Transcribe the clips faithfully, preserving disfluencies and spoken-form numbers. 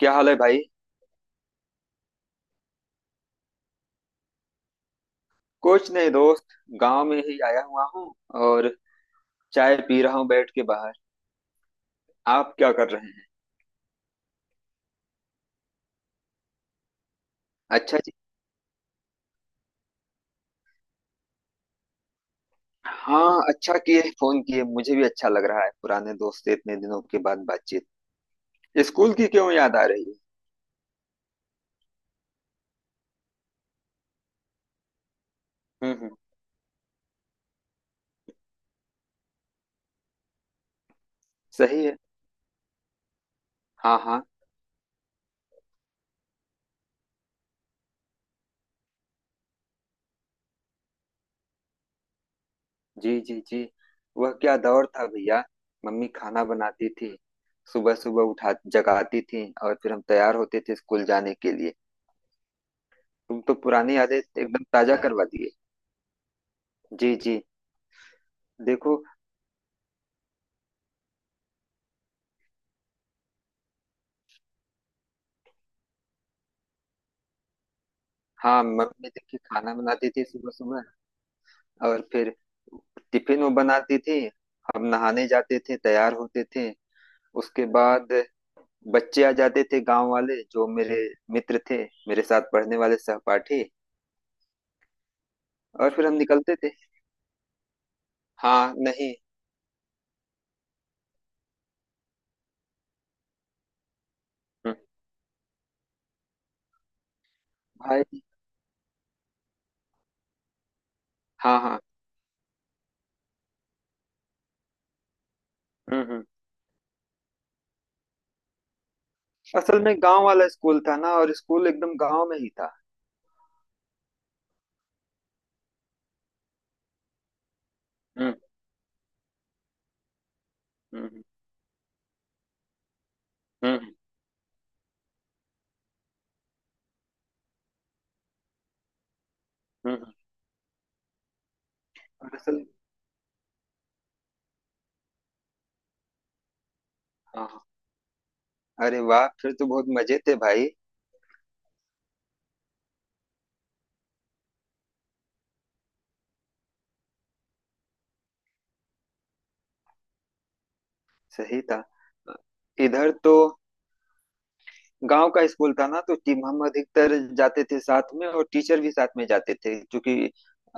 क्या हाल है भाई। कुछ नहीं दोस्त। गांव में ही आया हुआ हूँ और चाय पी रहा हूँ बैठ के बाहर। आप क्या कर रहे हैं। अच्छा जी। हाँ, अच्छा किए, फोन किए, मुझे भी अच्छा लग रहा है पुराने दोस्त से इतने दिनों के बाद बातचीत। स्कूल की क्यों याद आ रही है। हम्म। हम्म। सही है। हाँ हाँ। जी जी जी। वह क्या दौर था भैया। मम्मी खाना बनाती थी, सुबह सुबह उठा जगाती थी और फिर हम तैयार होते थे स्कूल जाने के लिए। तुम तो पुरानी यादें एकदम ताजा करवा दिए। जी जी। देखो। हाँ, मम्मी देखिए खाना बनाती थी सुबह सुबह। और फिर टिफिन वो बनाती थी। हम नहाने जाते थे, तैयार होते थे। उसके बाद बच्चे आ जाते थे गांव वाले, जो मेरे मित्र थे, मेरे साथ पढ़ने वाले सहपाठी। और फिर हम निकलते थे। हाँ, नहीं। हम्म। भाई। हाँ हाँ। हम्म हम्म। असल में गांव वाला स्कूल था ना, और स्कूल एकदम गांव में ही था। हम्म हम्म। हम्म हम्म। हम्म। और असल। हाँ हाँ। अरे वाह, फिर तो बहुत मजे थे भाई। सही था। इधर तो गांव का स्कूल था ना, तो टीम हम अधिकतर जाते थे साथ में, और टीचर भी साथ में जाते थे, क्योंकि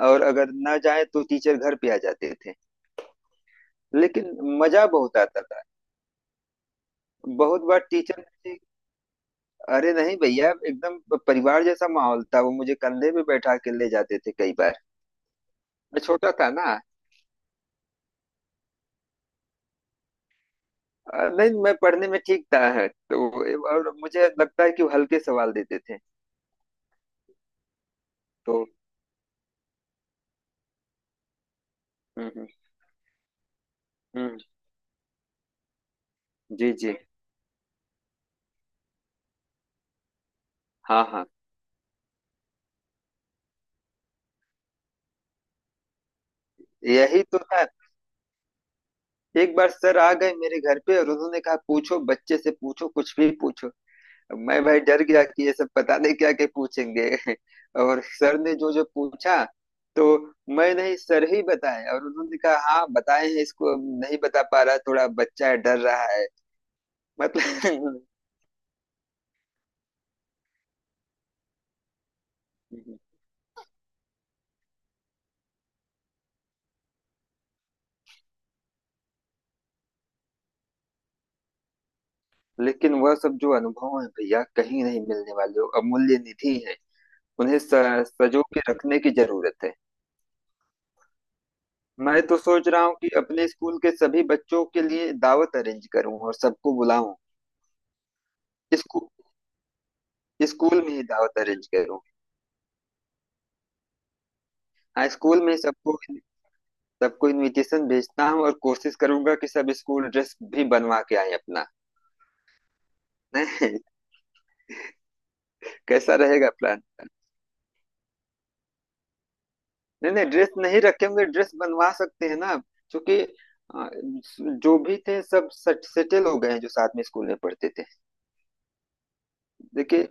और अगर ना जाए तो टीचर घर पे आ जाते थे। लेकिन मजा बहुत आता था। बहुत बार टीचर ने। अरे नहीं भैया, एकदम परिवार जैसा माहौल था, वो मुझे कंधे पे बैठा के ले जाते थे कई बार। मैं छोटा था ना। अ, नहीं, मैं पढ़ने में ठीक था है तो, और मुझे लगता है कि वो हल्के सवाल देते थे। तो। हम्म हम्म। हम्म। जी जी। हाँ हाँ। यही तो है। एक बार सर आ गए मेरे घर पे, और उन्होंने कहा पूछो, बच्चे से पूछो, कुछ भी पूछो। अब मैं भाई डर गया कि ये सब पता नहीं क्या क्या पूछेंगे। और सर ने जो जो पूछा, तो मैं नहीं, सर ही बताए। और उन्होंने कहा हाँ बताए हैं इसको, अब नहीं बता पा रहा, थोड़ा बच्चा है, डर रहा है। मतलब। लेकिन वह सब जो अनुभव है भैया, कहीं नहीं मिलने वाले, वो अमूल्य निधि है, उन्हें स- सजो के रखने की जरूरत है। मैं तो सोच रहा हूँ कि अपने स्कूल के सभी बच्चों के लिए दावत अरेंज करूँ, और सबको बुलाऊं। स्कूल स्कूल में ही दावत अरेंज करूँ। हाँ, स्कूल में ही सबको, सबको इनविटेशन भेजता हूँ, और कोशिश करूंगा कि सब स्कूल ड्रेस भी बनवा के आए अपना। नहीं। कैसा रहेगा प्लान। नहीं नहीं, ड्रेस नहीं रखेंगे, ड्रेस बनवा सकते हैं ना। क्योंकि अ, जो भी थे सब सेटल हो गए हैं, जो साथ में स्कूल में पढ़ते थे। देखिए,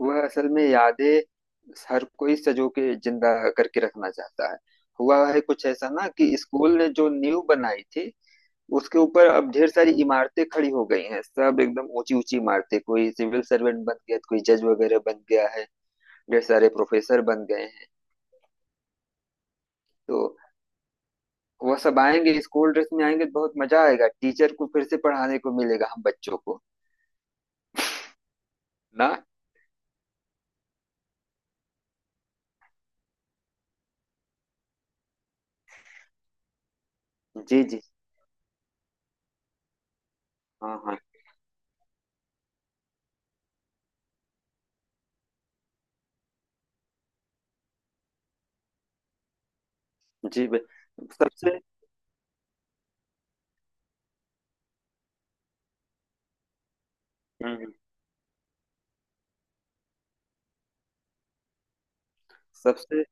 वह असल में यादें हर कोई सजो के जिंदा करके रखना चाहता है। हुआ है कुछ ऐसा ना, कि स्कूल ने जो नींव बनाई थी, उसके ऊपर अब ढेर सारी इमारतें खड़ी हो गई हैं, सब एकदम ऊंची ऊंची इमारतें, कोई सिविल सर्वेंट बन गया, कोई जज वगैरह बन गया है, ढेर सारे प्रोफेसर बन गए हैं। तो वह सब आएंगे, स्कूल ड्रेस में आएंगे, तो बहुत मजा आएगा, टीचर को फिर से पढ़ाने को मिलेगा हम बच्चों को। ना। जी जी। हाँ हाँ। जी बे- सबसे। हम्म। सबसे।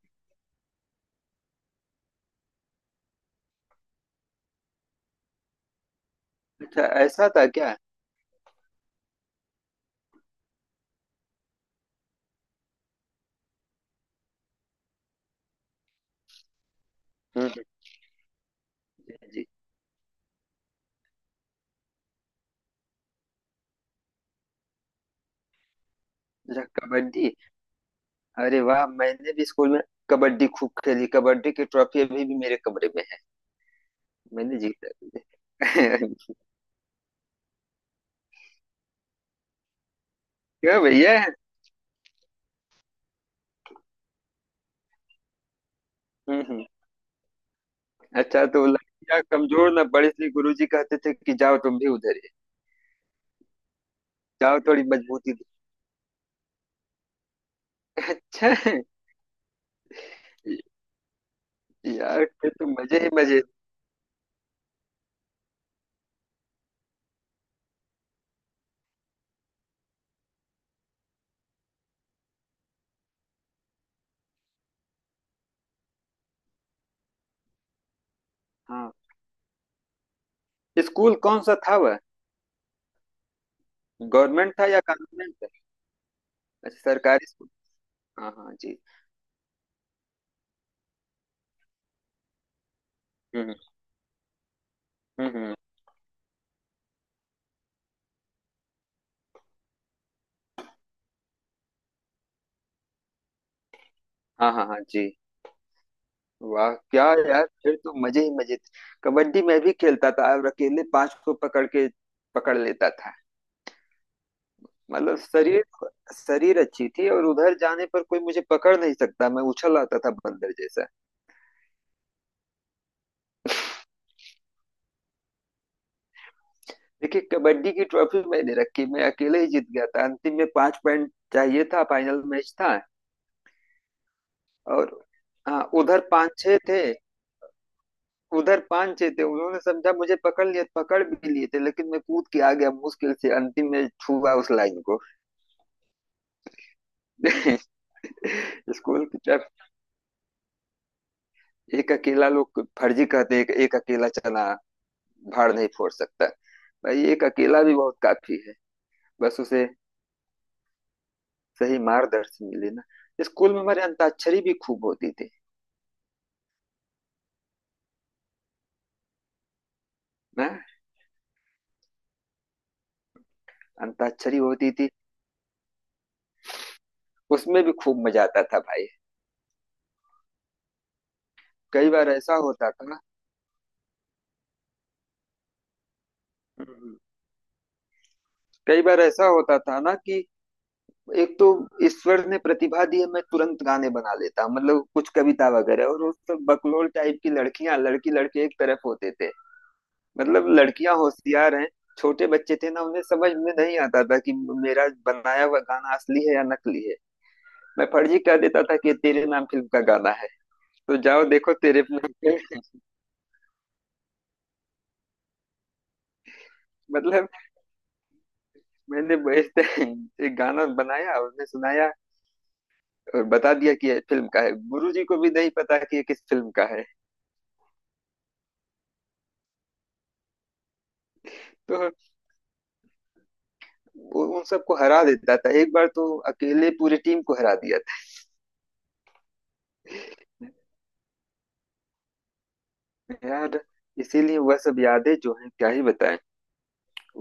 अच्छा, ऐसा था क्या। हम्म। जी। अच्छा, कबड्डी। अरे वाह, मैंने भी स्कूल में कबड्डी खूब खेली, कबड्डी की ट्रॉफी अभी भी मेरे कमरे में है, मैंने जीता भी है। क्यों भैया। हम्म हम्म। अच्छा तो लड़कियां कमजोर ना पड़ी, इसलिए गुरुजी कहते थे कि जाओ तुम भी उधर ही, जाओ थोड़ी मजबूती दो। अच्छा। यार, फिर तो मजे ही मजे। हाँ। स्कूल कौन सा था वह, गवर्नमेंट था या कॉन्वेंट था। अच्छा, सरकारी स्कूल। हाँ हाँ जी। हम्म हम्म। हम्म। हाँ हाँ हाँ जी। वाह क्या यार, फिर तो मजे ही मजे थे। कबड्डी मैं भी खेलता था, और अकेले पांच को पकड़ के पकड़ लेता था। मतलब शरीर शरीर अच्छी थी, और उधर जाने पर कोई मुझे पकड़ नहीं सकता, मैं उछल आता था बंदर जैसा। देखिए, कबड्डी की ट्रॉफी मैंने रखी, मैं अकेले ही जीत गया था, अंतिम में पांच पॉइंट चाहिए था, फाइनल मैच था। और हाँ, उधर पांच छह थे। उधर पांच छह थे उन्होंने समझा, मुझे पकड़ लिया, पकड़ भी लिए थे, लेकिन मैं कूद के आ गया, मुश्किल से अंतिम में छुआ उस लाइन को। स्कूल की तरफ। एक अकेला लोग फर्जी कहते हैं कि एक अकेला चना भाड़ नहीं फोड़ सकता। भाई, एक अकेला भी बहुत काफी है, बस उसे सही मार्गदर्शन मिले ना। स्कूल में हमारे अंताक्षरी भी खूब होती थी। ना। अंताक्षरी होती थी, उसमें भी खूब मजा आता था भाई। कई बार ऐसा होता था, कई बार ऐसा होता था ना कि एक तो ईश्वर ने प्रतिभा दी है, मैं तुरंत गाने बना लेता, मतलब कुछ कविता वगैरह। और उस वक्त बकलोल टाइप की लड़कियां, लड़की लड़के एक तरफ होते थे। मतलब लड़कियां होशियार हैं, छोटे बच्चे थे ना, उन्हें समझ में नहीं आता था कि मेरा बनाया हुआ गाना असली है या नकली है। मैं फर्जी कह देता था कि तेरे नाम फिल्म का गाना है, तो जाओ देखो तेरे नाम पे। मतलब मैंने बेचते- एक गाना बनाया, उन्हें सुनाया, और बता दिया कि ये फिल्म का है, गुरु जी को भी नहीं पता कि ये किस फिल्म का है। तो वो उन सबको हरा देता था, एक बार तो अकेले पूरी टीम को हरा दिया था। यार, इसीलिए वह सब यादें जो हैं क्या ही बताएं।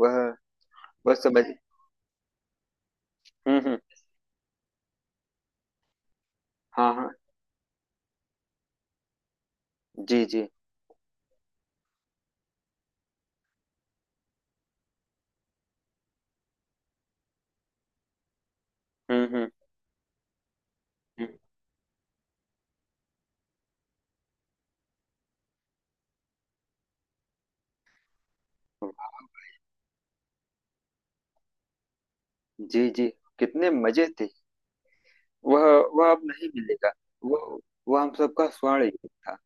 वह वह समझ। हम्म हम्म। हाँ हाँ। जी जी। हम्म हम्म। हम्म। जी जी। कितने मजे थे। वह वह अब नहीं मिलेगा। वह वह हम सबका स्वर्ण युग था।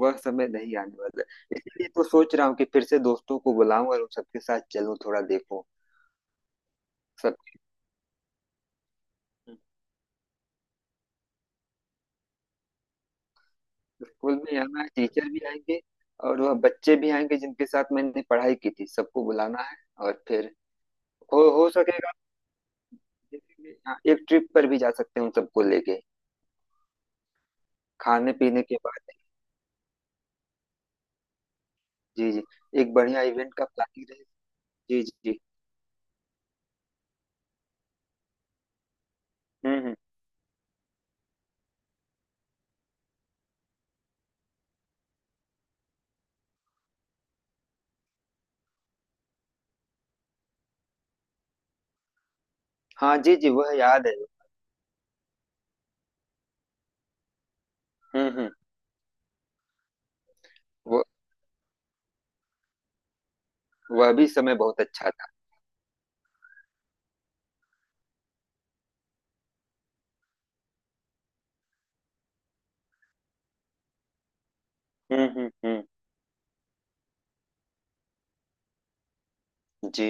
वह समय नहीं आने वाला। इसलिए तो सोच रहा हूँ कि फिर से दोस्तों को बुलाऊं, और उन सबके साथ चलूं, थोड़ा देखूं। सब। स्कूल में आना है, टीचर भी आएंगे, और वह बच्चे भी आएंगे जिनके साथ मैंने पढ़ाई की थी, सबको बुलाना है। और फिर हो हो सकेगा। जैसे कि, हाँ, एक ट्रिप पर भी जा सकते हैं उन सबको लेके, खाने पीने के बाद। जी जी। एक बढ़िया इवेंट का प्लानिंग रहे। जी जी जी। हम्म हम्म। हाँ जी जी, वह याद है। हम्म हम्म। वह वह भी समय बहुत अच्छा था। हम्म हम्म। हम्म। जी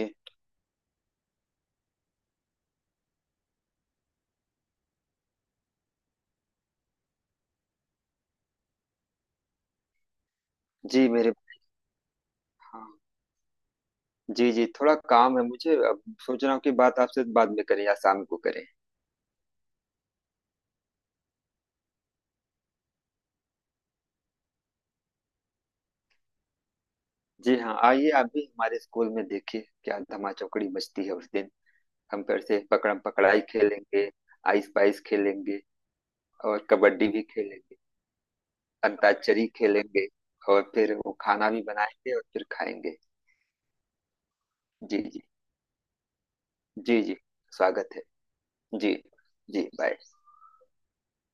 जी मेरे। हाँ। जी जी, थोड़ा काम है मुझे, अब सोच रहा हूँ कि बात आपसे बाद में करें या शाम को करें। जी हाँ, आइए आप भी हमारे स्कूल में, देखिए क्या धमा चौकड़ी मचती है उस दिन। हम फिर से पकड़म पकड़ाई खेलेंगे, आइस पाइस खेलेंगे, और कबड्डी भी खेलेंगे, अंताक्षरी खेलेंगे, और फिर वो खाना भी बनाएंगे, और फिर खाएंगे। जी जी। जी जी। स्वागत है। जी। जी बाय।